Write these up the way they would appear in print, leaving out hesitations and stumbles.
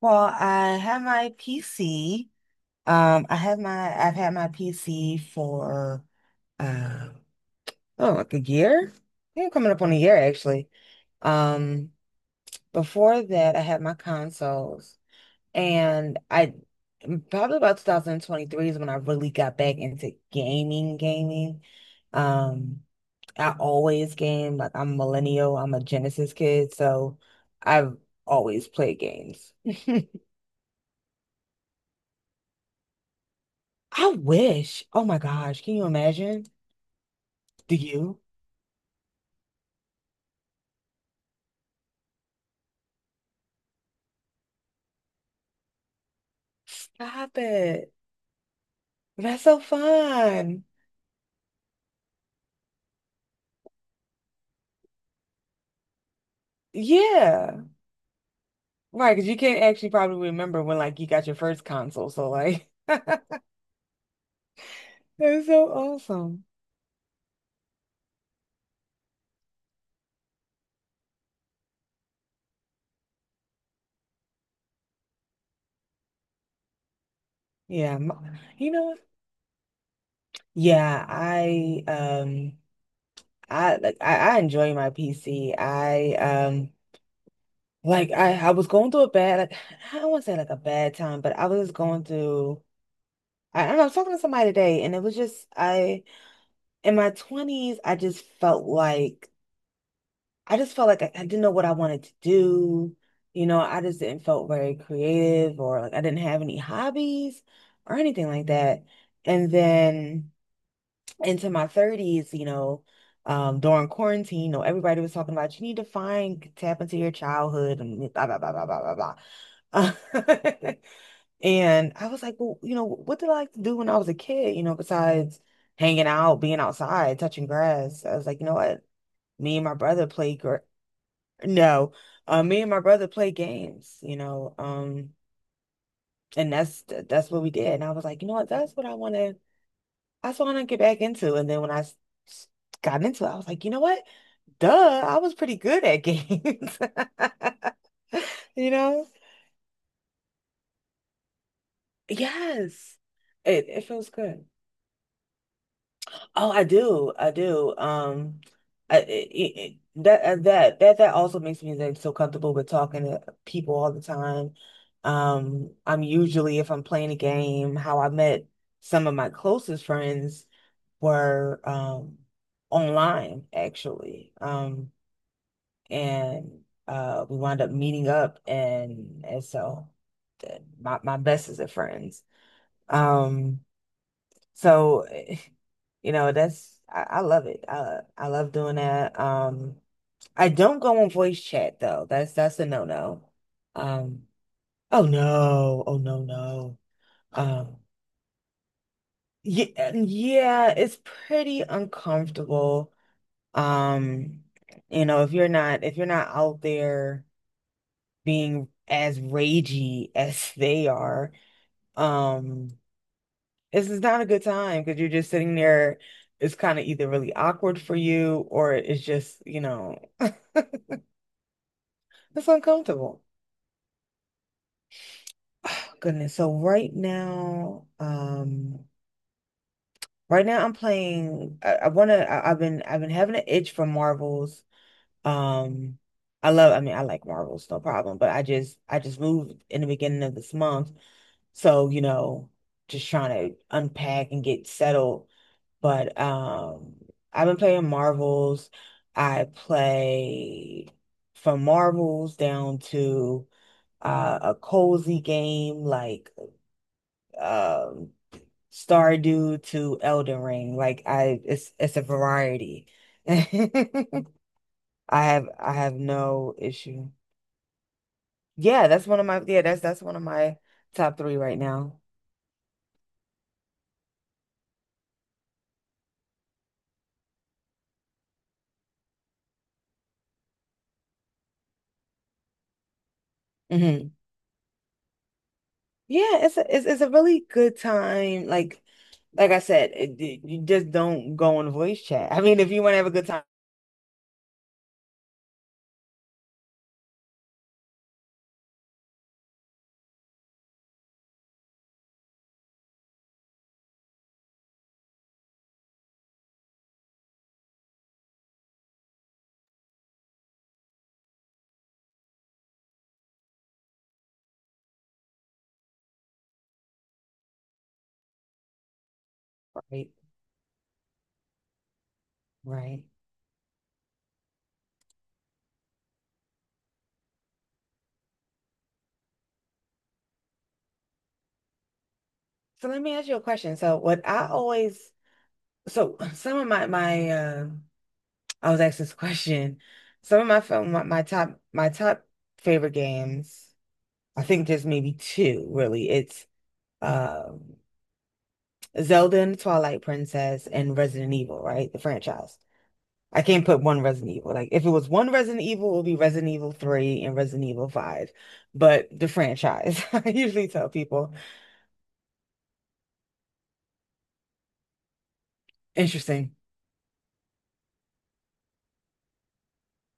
Well, I have my PC. I have my I've had my PC for uh oh, like a year. I think coming up on a year actually. Um, Before that I had my consoles and I probably about 2023 is when I really got back into gaming. Um, I always game, like I'm millennial, I'm a Genesis kid, so I've always played games. I wish. Oh my gosh, can you imagine? Do you? Stop it. That's so fun. Yeah. Right, because you can't actually probably remember when like you got your first console. So like that's so awesome. Yeah. You know what? Yeah. I like I enjoy my PC. I Like I was going through a bad like, I don't want to say like a bad time, but I was going through, I don't know, I was talking to somebody today and it was just I, in my 20s, I just felt like I didn't know what I wanted to do. You know, I just didn't felt very creative or like I didn't have any hobbies or anything like that. And then into my 30s, you know, during quarantine, you know, everybody was talking about you need to find tap into your childhood and blah blah blah blah blah blah blah. And I was like, well, you know, what did I like to do when I was a kid, you know, besides hanging out, being outside, touching grass? I was like, you know what? Me and my brother played gr no, Me and my brother played games, you know, and that's what we did. And I was like, you know what? That's what I want to get back into. And then when I s- got into it, I was like, you know what? Duh, I was pretty good at games, you know? Yes, it feels good. Oh, I do. I do. I it, it, that That also makes me like so comfortable with talking to people all the time. I'm usually if I'm playing a game, how I met some of my closest friends were online actually. And we wound up meeting up and so my bestest of friends. Um so, you know, that's I love it. I love doing that. I don't go on voice chat though. That's a no-no. Um, oh no, oh no, no. Um, yeah, yeah, it's pretty uncomfortable. Um, you know, if you're not out there being as ragey as they are, um, this is not a good time because you're just sitting there. It's kind of either really awkward for you or it's just, you know, it's uncomfortable. Oh, goodness. So right now, I'm playing. I wanna. I've been having an itch for Marvels. Um, I love. I mean, I like Marvels, no problem. But I just. I just moved in the beginning of this month, so you know, just trying to unpack and get settled. But I've been playing Marvels. I play from Marvels down to a cozy game like, um, Stardew to Elden Ring. It's a variety. I I have no issue. Yeah, that's one of my, yeah, that's one of my top three right now. Mhm. Yeah, it's a really good time. Like I said, it- you just don't go on voice chat. I mean, if you want to have a good time, right? Right. So let me ask you a question. So what I always so some of my I was asked this question. Some of my film my, my top favorite games. I think there's maybe two really. It's um Zelda and Twilight Princess and Resident Evil, right? The franchise. I can't put one Resident Evil. Like if it was one Resident Evil, it would be Resident Evil 3 and Resident Evil 5. But the franchise, I usually tell people. Interesting.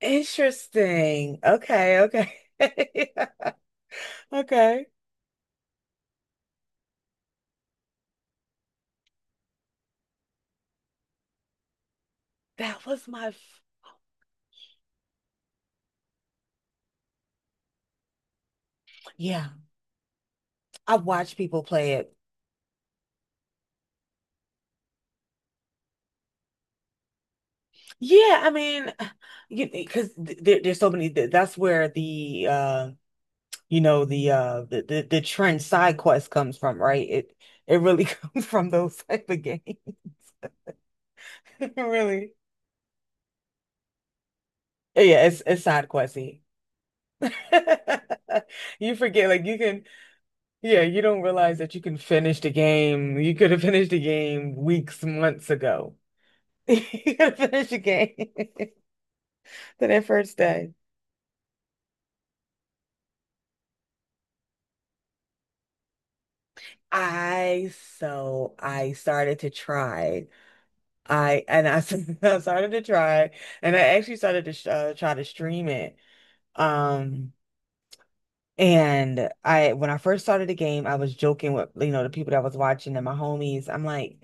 Interesting. Okay, okay. Okay. That was my f, yeah. I've watched people play it. Yeah, I mean, you because there's so many that's where the you know, the the trend side quest comes from, right? It really comes from those type of games. Really. Yeah, it's side questy. You forget, like you can, yeah, you don't realize that you can finish the game. You could have finished the game weeks, months ago. You could have finished the game to that first day. I So I started to try. I and I, s- I started to try, and I actually started to sh try to stream it. Um, And I, when I first started the game, I was joking with, you know, the people that was watching and my homies. I'm like,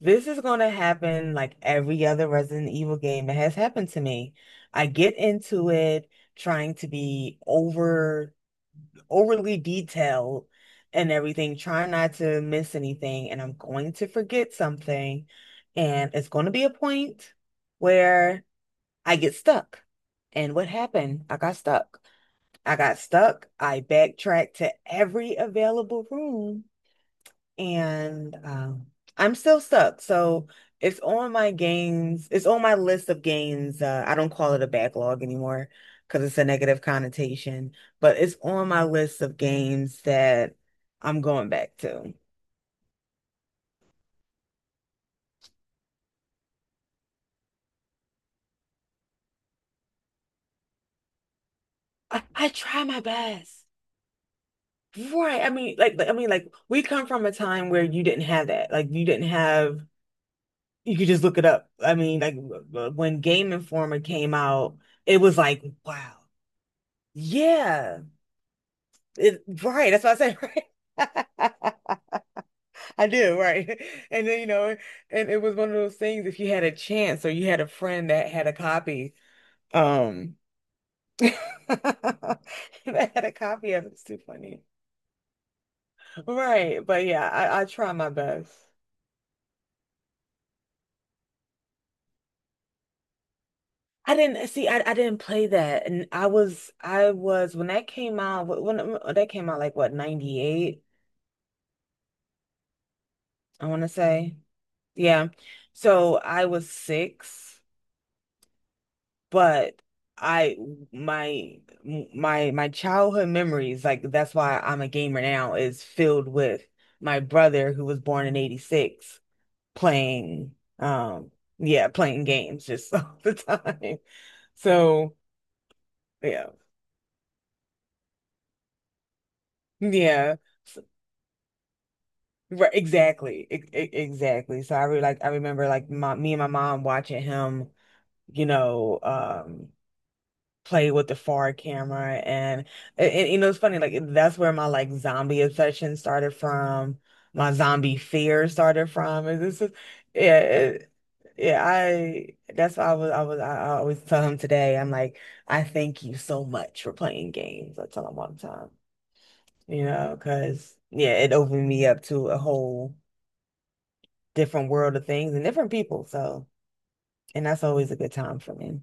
this is going to happen like every other Resident Evil game that has happened to me. I get into it trying to overly detailed and everything, trying not to miss anything. And I'm going to forget something. And it's going to be a point where I get stuck. And what happened? I got stuck. I got stuck. I backtracked to every available room and, I'm still stuck. So it's on my list of games. I don't call it a backlog anymore because it's a negative connotation, but it's on my list of games that I'm going back to. I try my best. Right. I mean, like, we come from a time where you didn't have that. Like, you didn't have, you could just look it up. When Game Informer came out, it was like, wow, yeah, it, right. That's what I said, right? I do, right. And then, you know, and it was one of those things if you had a chance or you had a friend that had a copy, um, that had a copy of it, it's too funny. Right. But yeah, I try my best. I didn't see. I didn't play that, and I was when that came out. When that came out, like what, 98, I want to say. Yeah. So I was six, but I, my childhood memories, like that's why I'm a gamer now, is filled with my brother who was born in 86, playing yeah playing games just all the time. So yeah, yeah. Right, exactly. Exactly. So I really like, I remember like my me and my mom watching him, you know, play with the forward camera, and, you know, it's funny like that's where my like zombie obsession started from, my zombie fear started from. And this is, yeah, yeah, I that's why I always tell him today. I'm like, I thank you so much for playing games. I tell him all the time. You know, because yeah, it opened me up to a whole different world of things and different people. So, and that's always a good time for me.